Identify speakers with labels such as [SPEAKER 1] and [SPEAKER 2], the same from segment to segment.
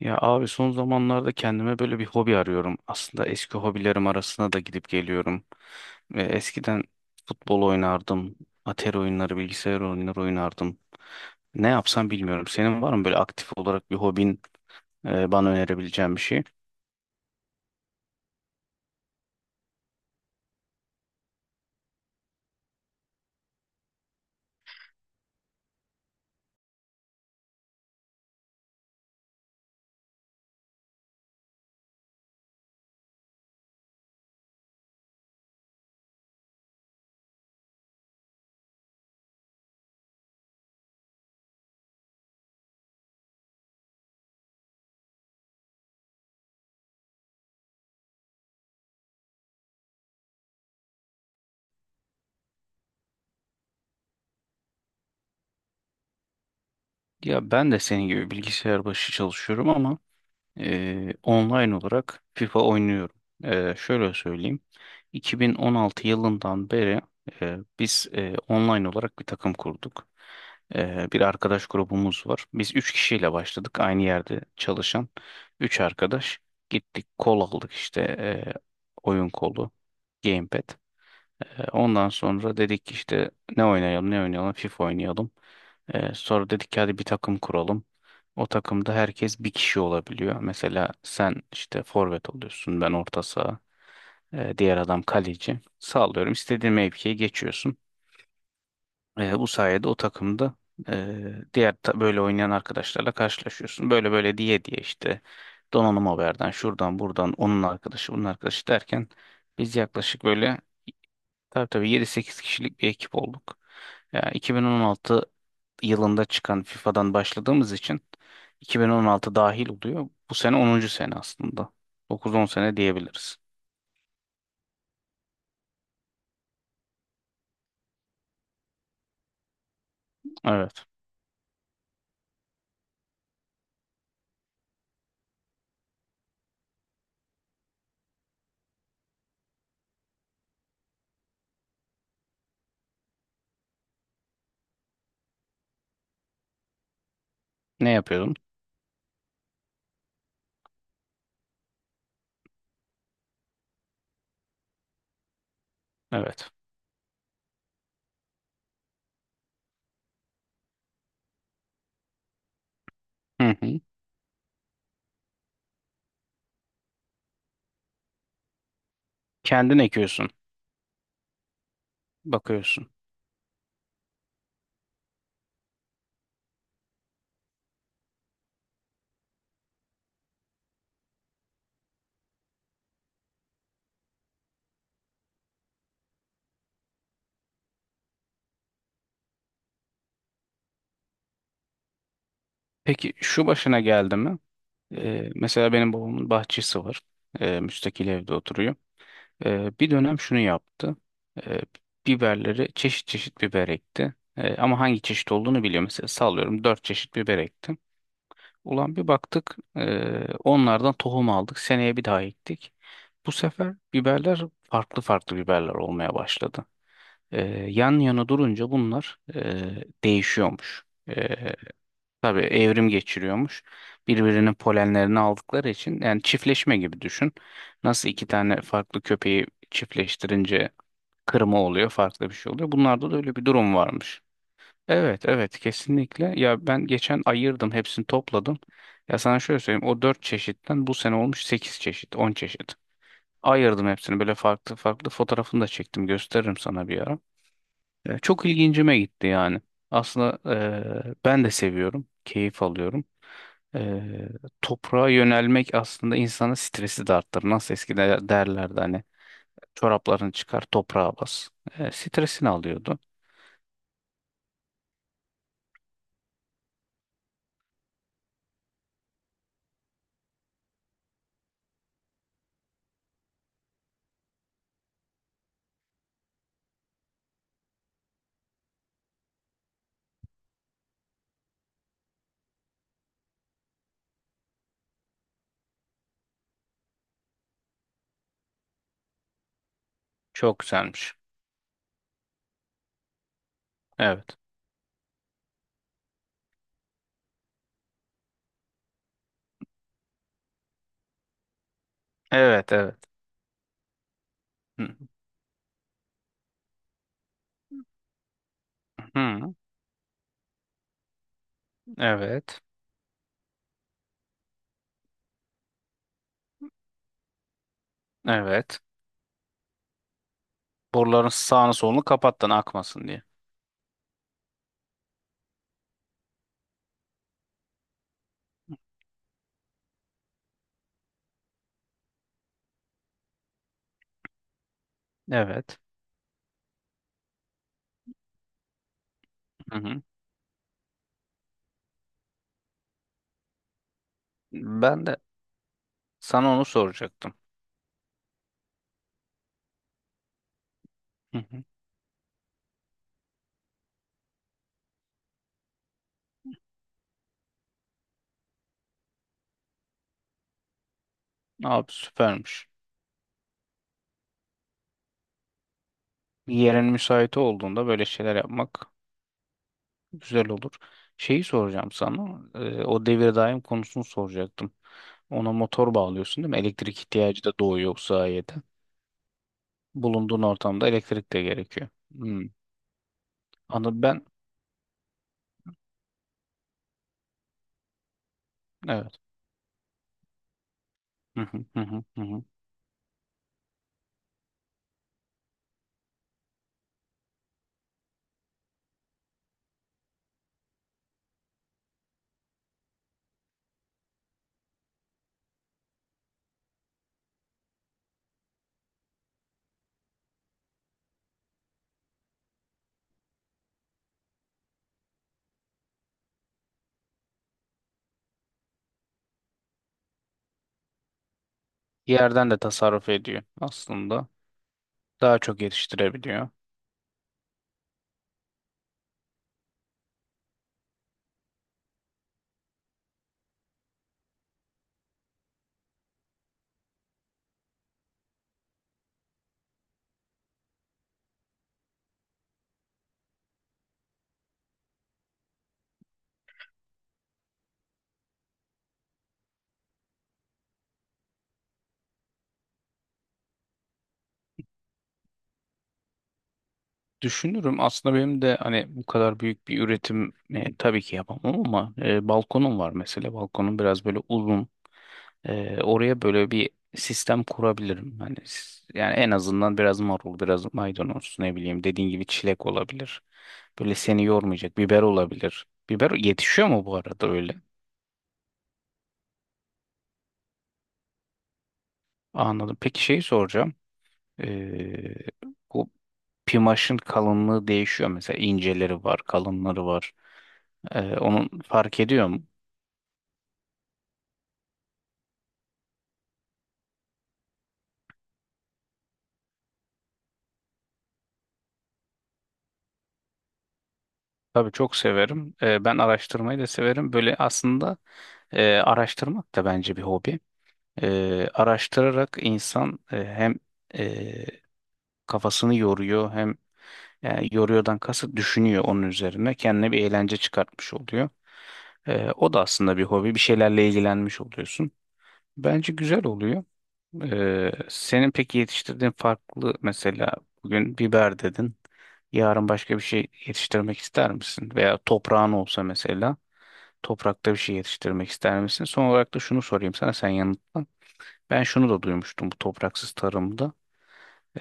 [SPEAKER 1] Ya abi son zamanlarda kendime böyle bir hobi arıyorum. Aslında eski hobilerim arasına da gidip geliyorum. Ve eskiden futbol oynardım, atari oyunları, bilgisayar oyunları oynardım. Ne yapsam bilmiyorum. Senin var mı böyle aktif olarak bir hobin, bana önerebileceğin bir şey? Ya ben de senin gibi bilgisayar başı çalışıyorum ama Online olarak FIFA oynuyorum. Şöyle söyleyeyim. 2016 yılından beri biz online olarak bir takım kurduk. Bir arkadaş grubumuz var. Biz 3 kişiyle başladık. Aynı yerde çalışan 3 arkadaş. Gittik kol aldık işte oyun kolu, gamepad. Ondan sonra dedik ki işte ne oynayalım ne oynayalım FIFA oynayalım. Sonra dedik ki hadi bir takım kuralım. O takımda herkes bir kişi olabiliyor. Mesela sen işte forvet oluyorsun, ben orta saha. Diğer adam kaleci. Sağlıyorum, istediğin mevkiye geçiyorsun. Bu sayede o takımda böyle oynayan arkadaşlarla karşılaşıyorsun. Böyle böyle diye diye işte donanım haberden, şuradan buradan, onun arkadaşı bunun arkadaşı derken, biz yaklaşık böyle. Tabii tabii, yedi sekiz kişilik bir ekip olduk. Ya 2016 yılında çıkan FIFA'dan başladığımız için 2016 dahil oluyor. Bu sene onuncu sene aslında. Dokuz on sene diyebiliriz. Evet. Ne yapıyordum? Evet. Hı hı. Kendin ekiyorsun, bakıyorsun. Peki şu başına geldi mi? Mesela benim babamın bahçesi var. Müstakil evde oturuyor. Bir dönem şunu yaptı. Ee, biberleri çeşit çeşit biber ekti. Ama hangi çeşit olduğunu biliyor. Mesela sallıyorum, dört çeşit biber ektim. Ulan bir baktık, onlardan tohum aldık. Seneye bir daha ektik. Bu sefer biberler farklı farklı biberler olmaya başladı. Ee, yan yana durunca bunlar değişiyormuş. Tabii evrim geçiriyormuş. Birbirinin polenlerini aldıkları için, yani çiftleşme gibi düşün. Nasıl iki tane farklı köpeği çiftleştirince kırma oluyor, farklı bir şey oluyor. Bunlarda da öyle bir durum varmış. Evet, evet, kesinlikle. Ya ben geçen ayırdım, hepsini topladım. Ya sana şöyle söyleyeyim, o 4 çeşitten bu sene olmuş 8 çeşit, 10 çeşit. Ayırdım hepsini böyle farklı farklı, fotoğrafını da çektim, gösteririm sana bir ara. Çok ilgincime gitti yani. Aslında ben de seviyorum, keyif alıyorum. E, toprağa yönelmek aslında insanın stresi de arttırır. Nasıl eskiden derlerdi hani, çoraplarını çıkar toprağa bas. Stresini alıyordu. Çok güzelmiş. Evet. Evet, evet. Hı, hı, evet. Evet. Boruların sağını solunu kapattın akmasın diye. Evet. Hı hı. Ben de sana onu soracaktım. Hı hı. Abi süpermiş. Yerin müsait olduğunda böyle şeyler yapmak güzel olur. Şeyi soracağım sana. O devir daim konusunu soracaktım. Ona motor bağlıyorsun değil mi? Elektrik ihtiyacı da doğuyor bu sayede. Bulunduğun ortamda elektrik de gerekiyor. Hmm. Anladım ben. Evet. Hı hı hı hı hı. Hı. Yerden de tasarruf ediyor aslında. Daha çok yetiştirebiliyor. Düşünürüm aslında. Benim de hani bu kadar büyük bir üretim tabii ki yapamam ama balkonum var mesela. Balkonum biraz böyle uzun. Oraya böyle bir sistem kurabilirim. Hani yani en azından biraz marul, biraz maydanoz, ne bileyim, dediğin gibi çilek olabilir. Böyle seni yormayacak biber olabilir. Biber yetişiyor mu bu arada öyle? Anladım. Peki şeyi soracağım. Ee, bu pimaşın kalınlığı değişiyor. Mesela inceleri var, kalınları var. Onun fark ediyor mu? Tabii çok severim. Ben araştırmayı da severim. Böyle aslında araştırmak da bence bir hobi. Araştırarak insan hem e, kafasını yoruyor, hem yani yoruyordan kasıt düşünüyor onun üzerine. Kendine bir eğlence çıkartmış oluyor. O da aslında bir hobi. Bir şeylerle ilgilenmiş oluyorsun. Bence güzel oluyor. Senin peki yetiştirdiğin farklı, mesela bugün biber dedin. Yarın başka bir şey yetiştirmek ister misin? Veya toprağın olsa mesela toprakta bir şey yetiştirmek ister misin? Son olarak da şunu sorayım sana, sen yanıtla. Ben şunu da duymuştum bu topraksız tarımda.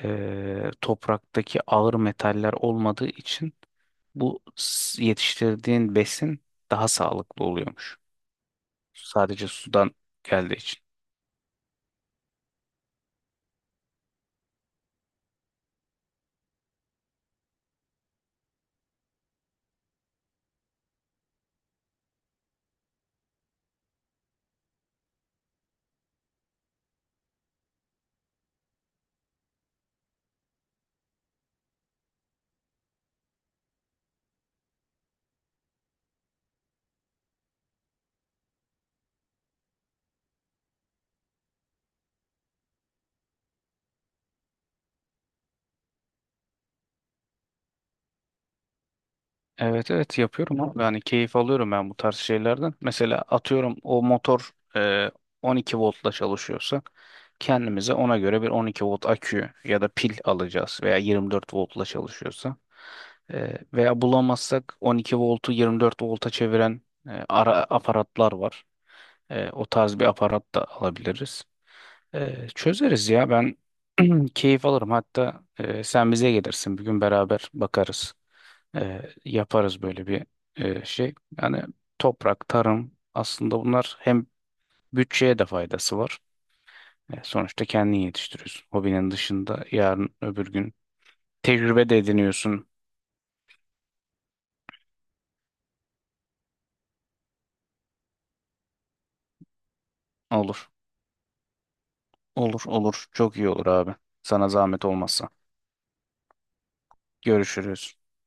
[SPEAKER 1] Topraktaki ağır metaller olmadığı için bu yetiştirdiğin besin daha sağlıklı oluyormuş. Sadece sudan geldiği için. Evet evet yapıyorum abi. Yani keyif alıyorum ben bu tarz şeylerden. Mesela atıyorum, o motor 12 voltla çalışıyorsa kendimize ona göre bir 12 volt akü ya da pil alacağız, veya 24 voltla çalışıyorsa. Veya bulamazsak 12 voltu 24 volta çeviren ara aparatlar var. O tarz bir aparat da alabiliriz. Çözeriz ya, ben keyif alırım. Hatta sen bize gelirsin bir gün, beraber bakarız, yaparız böyle bir şey. Yani toprak, tarım, aslında bunlar hem bütçeye de faydası var. Sonuçta kendin yetiştiriyorsun. Hobinin dışında yarın öbür gün tecrübe de ediniyorsun. Olur. Olur olur. Çok iyi olur abi. Sana zahmet olmazsa. Görüşürüz.